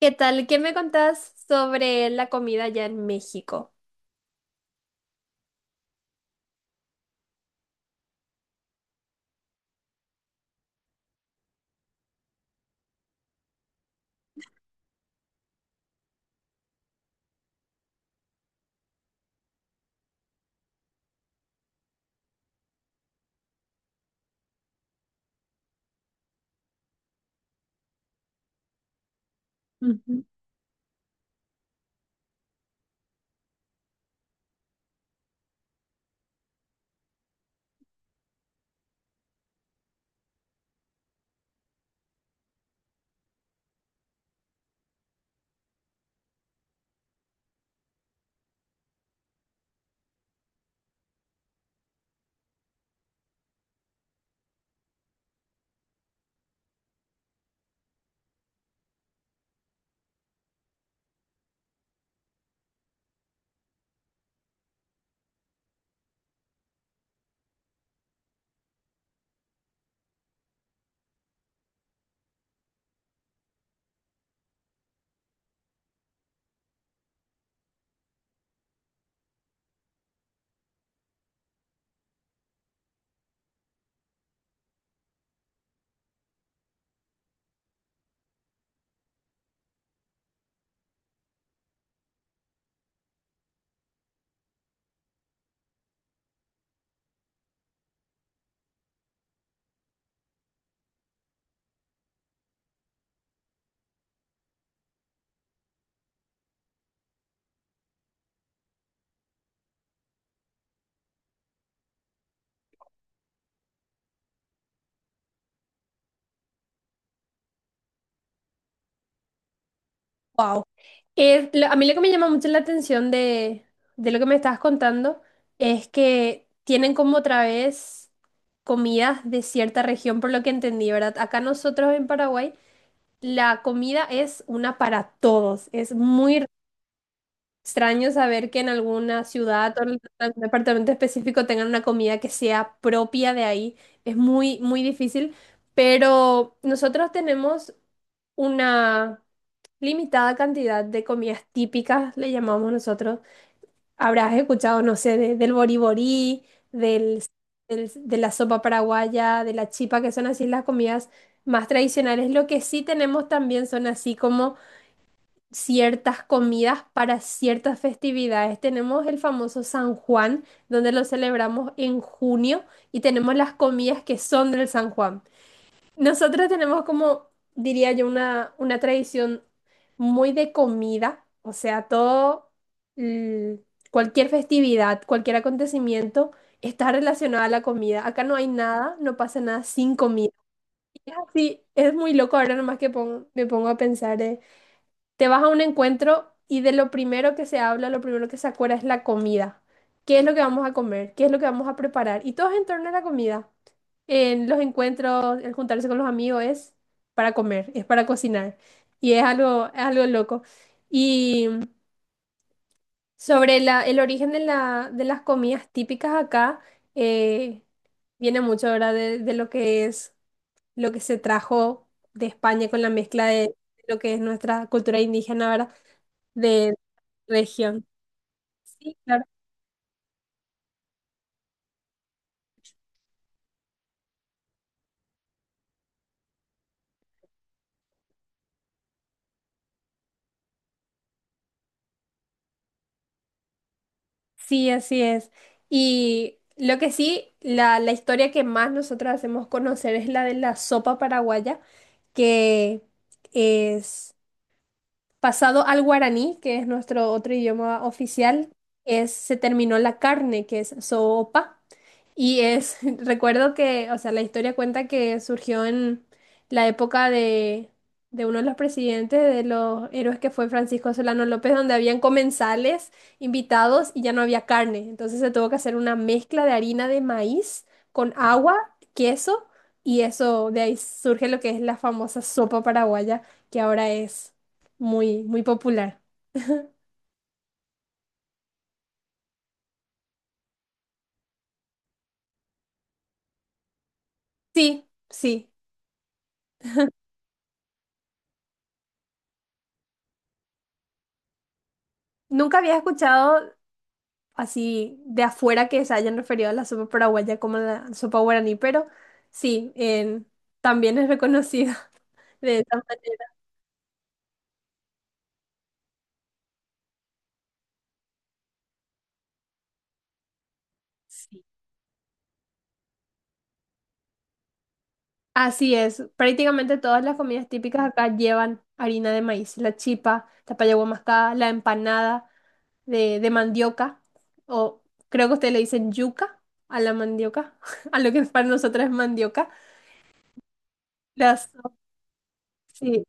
¿Qué tal? ¿Qué me contás sobre la comida allá en México? Wow. A mí lo que me llama mucho la atención de lo que me estabas contando es que tienen como otra vez comidas de cierta región, por lo que entendí, ¿verdad? Acá nosotros en Paraguay la comida es una para todos, es muy... Extraño saber que en alguna ciudad o en algún departamento específico tengan una comida que sea propia de ahí. Es muy difícil, pero nosotros tenemos una limitada cantidad de comidas típicas, le llamamos nosotros. Habrás escuchado, no sé, del boriborí, del, de la sopa paraguaya, de la chipa, que son así las comidas más tradicionales. Lo que sí tenemos también son así como ciertas comidas para ciertas festividades. Tenemos el famoso San Juan, donde lo celebramos en junio, y tenemos las comidas que son del San Juan. Nosotros tenemos como, diría yo, una tradición muy de comida, o sea, todo, mm, cualquier festividad, cualquier acontecimiento está relacionado a la comida. Acá no hay nada, no pasa nada sin comida. Y es así, es muy loco ahora nomás que me pongo a pensar. Te vas a un encuentro y de lo primero que se habla, lo primero que se acuerda es la comida. ¿Qué es lo que vamos a comer? ¿Qué es lo que vamos a preparar? Y todo es en torno a la comida. En los encuentros, el juntarse con los amigos es para comer, es para cocinar. Y es algo loco. Y sobre el origen de de las comidas típicas acá, eh, viene mucho ahora de lo que es, lo que se trajo de España con la mezcla de lo que es nuestra cultura indígena, ¿verdad? De región. Sí, claro. Sí, así es. Y lo que sí, la historia que más nosotros hacemos conocer es la de la sopa paraguaya, que es pasado al guaraní, que es nuestro otro idioma oficial, es, se terminó la carne, que es sopa. Y es, recuerdo que, o sea, la historia cuenta que surgió en la época de uno de los presidentes, de los héroes que fue Francisco Solano López, donde habían comensales invitados y ya no había carne. Entonces se tuvo que hacer una mezcla de harina de maíz con agua, queso, y eso, de ahí surge lo que es la famosa sopa paraguaya, que ahora es muy popular. Sí, sí. Nunca había escuchado así de afuera que se hayan referido a la sopa paraguaya como la sopa guaraní, pero sí, también es reconocida de esa manera. Sí. Así es. Prácticamente todas las comidas típicas acá llevan harina de maíz, la chipa, la paya mascada, la empanada de mandioca, o creo que ustedes le dicen yuca a la mandioca, a lo que para nosotros es mandioca. Las, sí,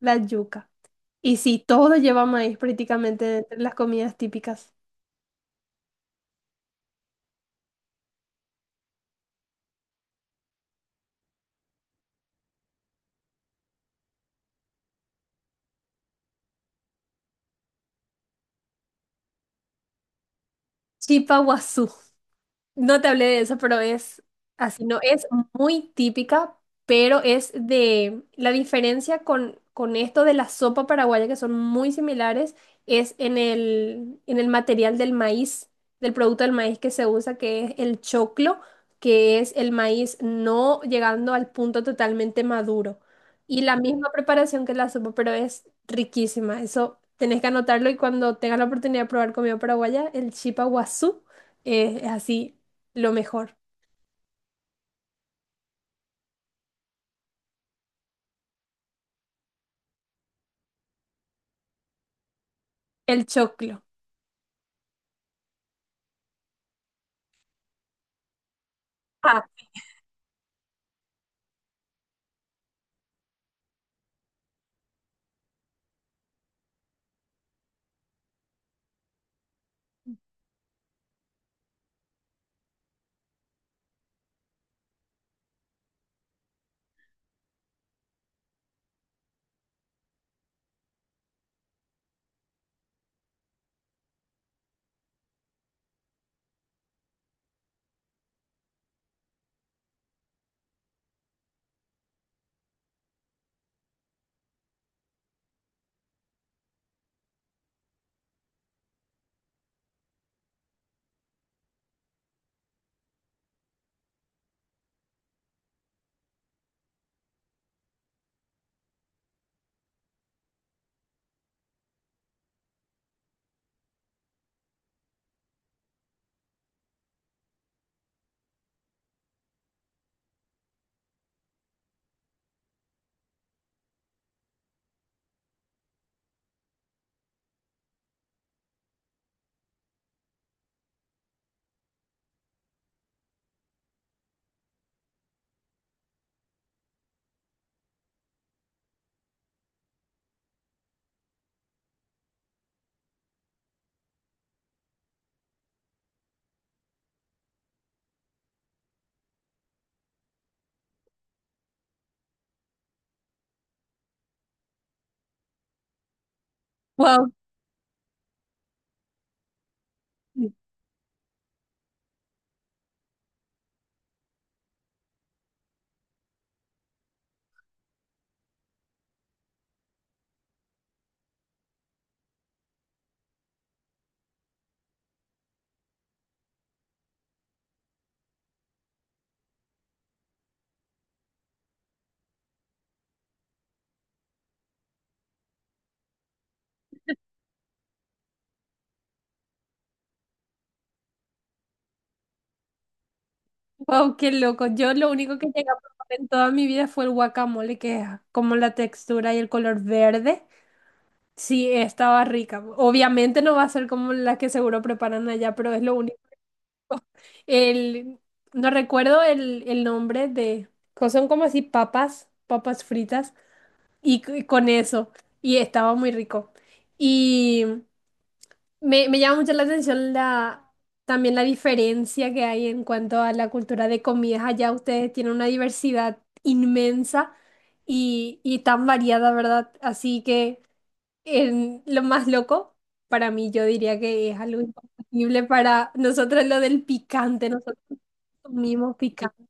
la yuca. Y sí, todo lleva maíz prácticamente entre las comidas típicas. Chipa. No te hablé de eso, pero es así, no, es muy típica, pero es de la diferencia con esto de la sopa paraguaya, que son muy similares, es en en el material del maíz, del producto del maíz que se usa, que es el choclo, que es el maíz no llegando al punto totalmente maduro. Y la misma preparación que la sopa, pero es riquísima. Eso tenés que anotarlo y cuando tengas la oportunidad de probar comida paraguaya, el chipa guazú, es así. Lo mejor, el choclo. Ah, wow, wow, qué loco. Yo lo único que llegué a probar en toda mi vida fue el guacamole, que es como la textura y el color verde. Sí, estaba rica. Obviamente no va a ser como la que seguro preparan allá, pero es lo único. El, no recuerdo el nombre de, son como así papas, papas fritas y con eso. Y estaba muy rico. Y me llama mucho la atención también la diferencia que hay en cuanto a la cultura de comidas. Allá ustedes tienen una diversidad inmensa y tan variada, ¿verdad? Así que en lo más loco, para mí yo diría que es algo imposible para nosotros lo del picante. Nosotros comimos picante.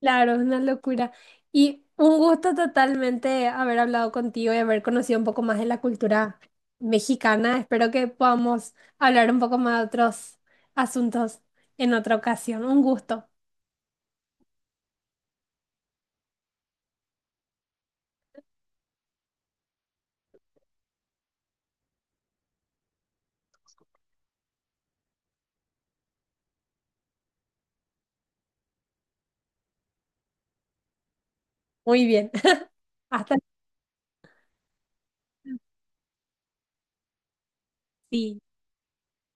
Claro, es una locura. Y un gusto totalmente haber hablado contigo y haber conocido un poco más de la cultura mexicana. Espero que podamos hablar un poco más de otros asuntos en otra ocasión. Un gusto. Muy bien. Hasta... Sí.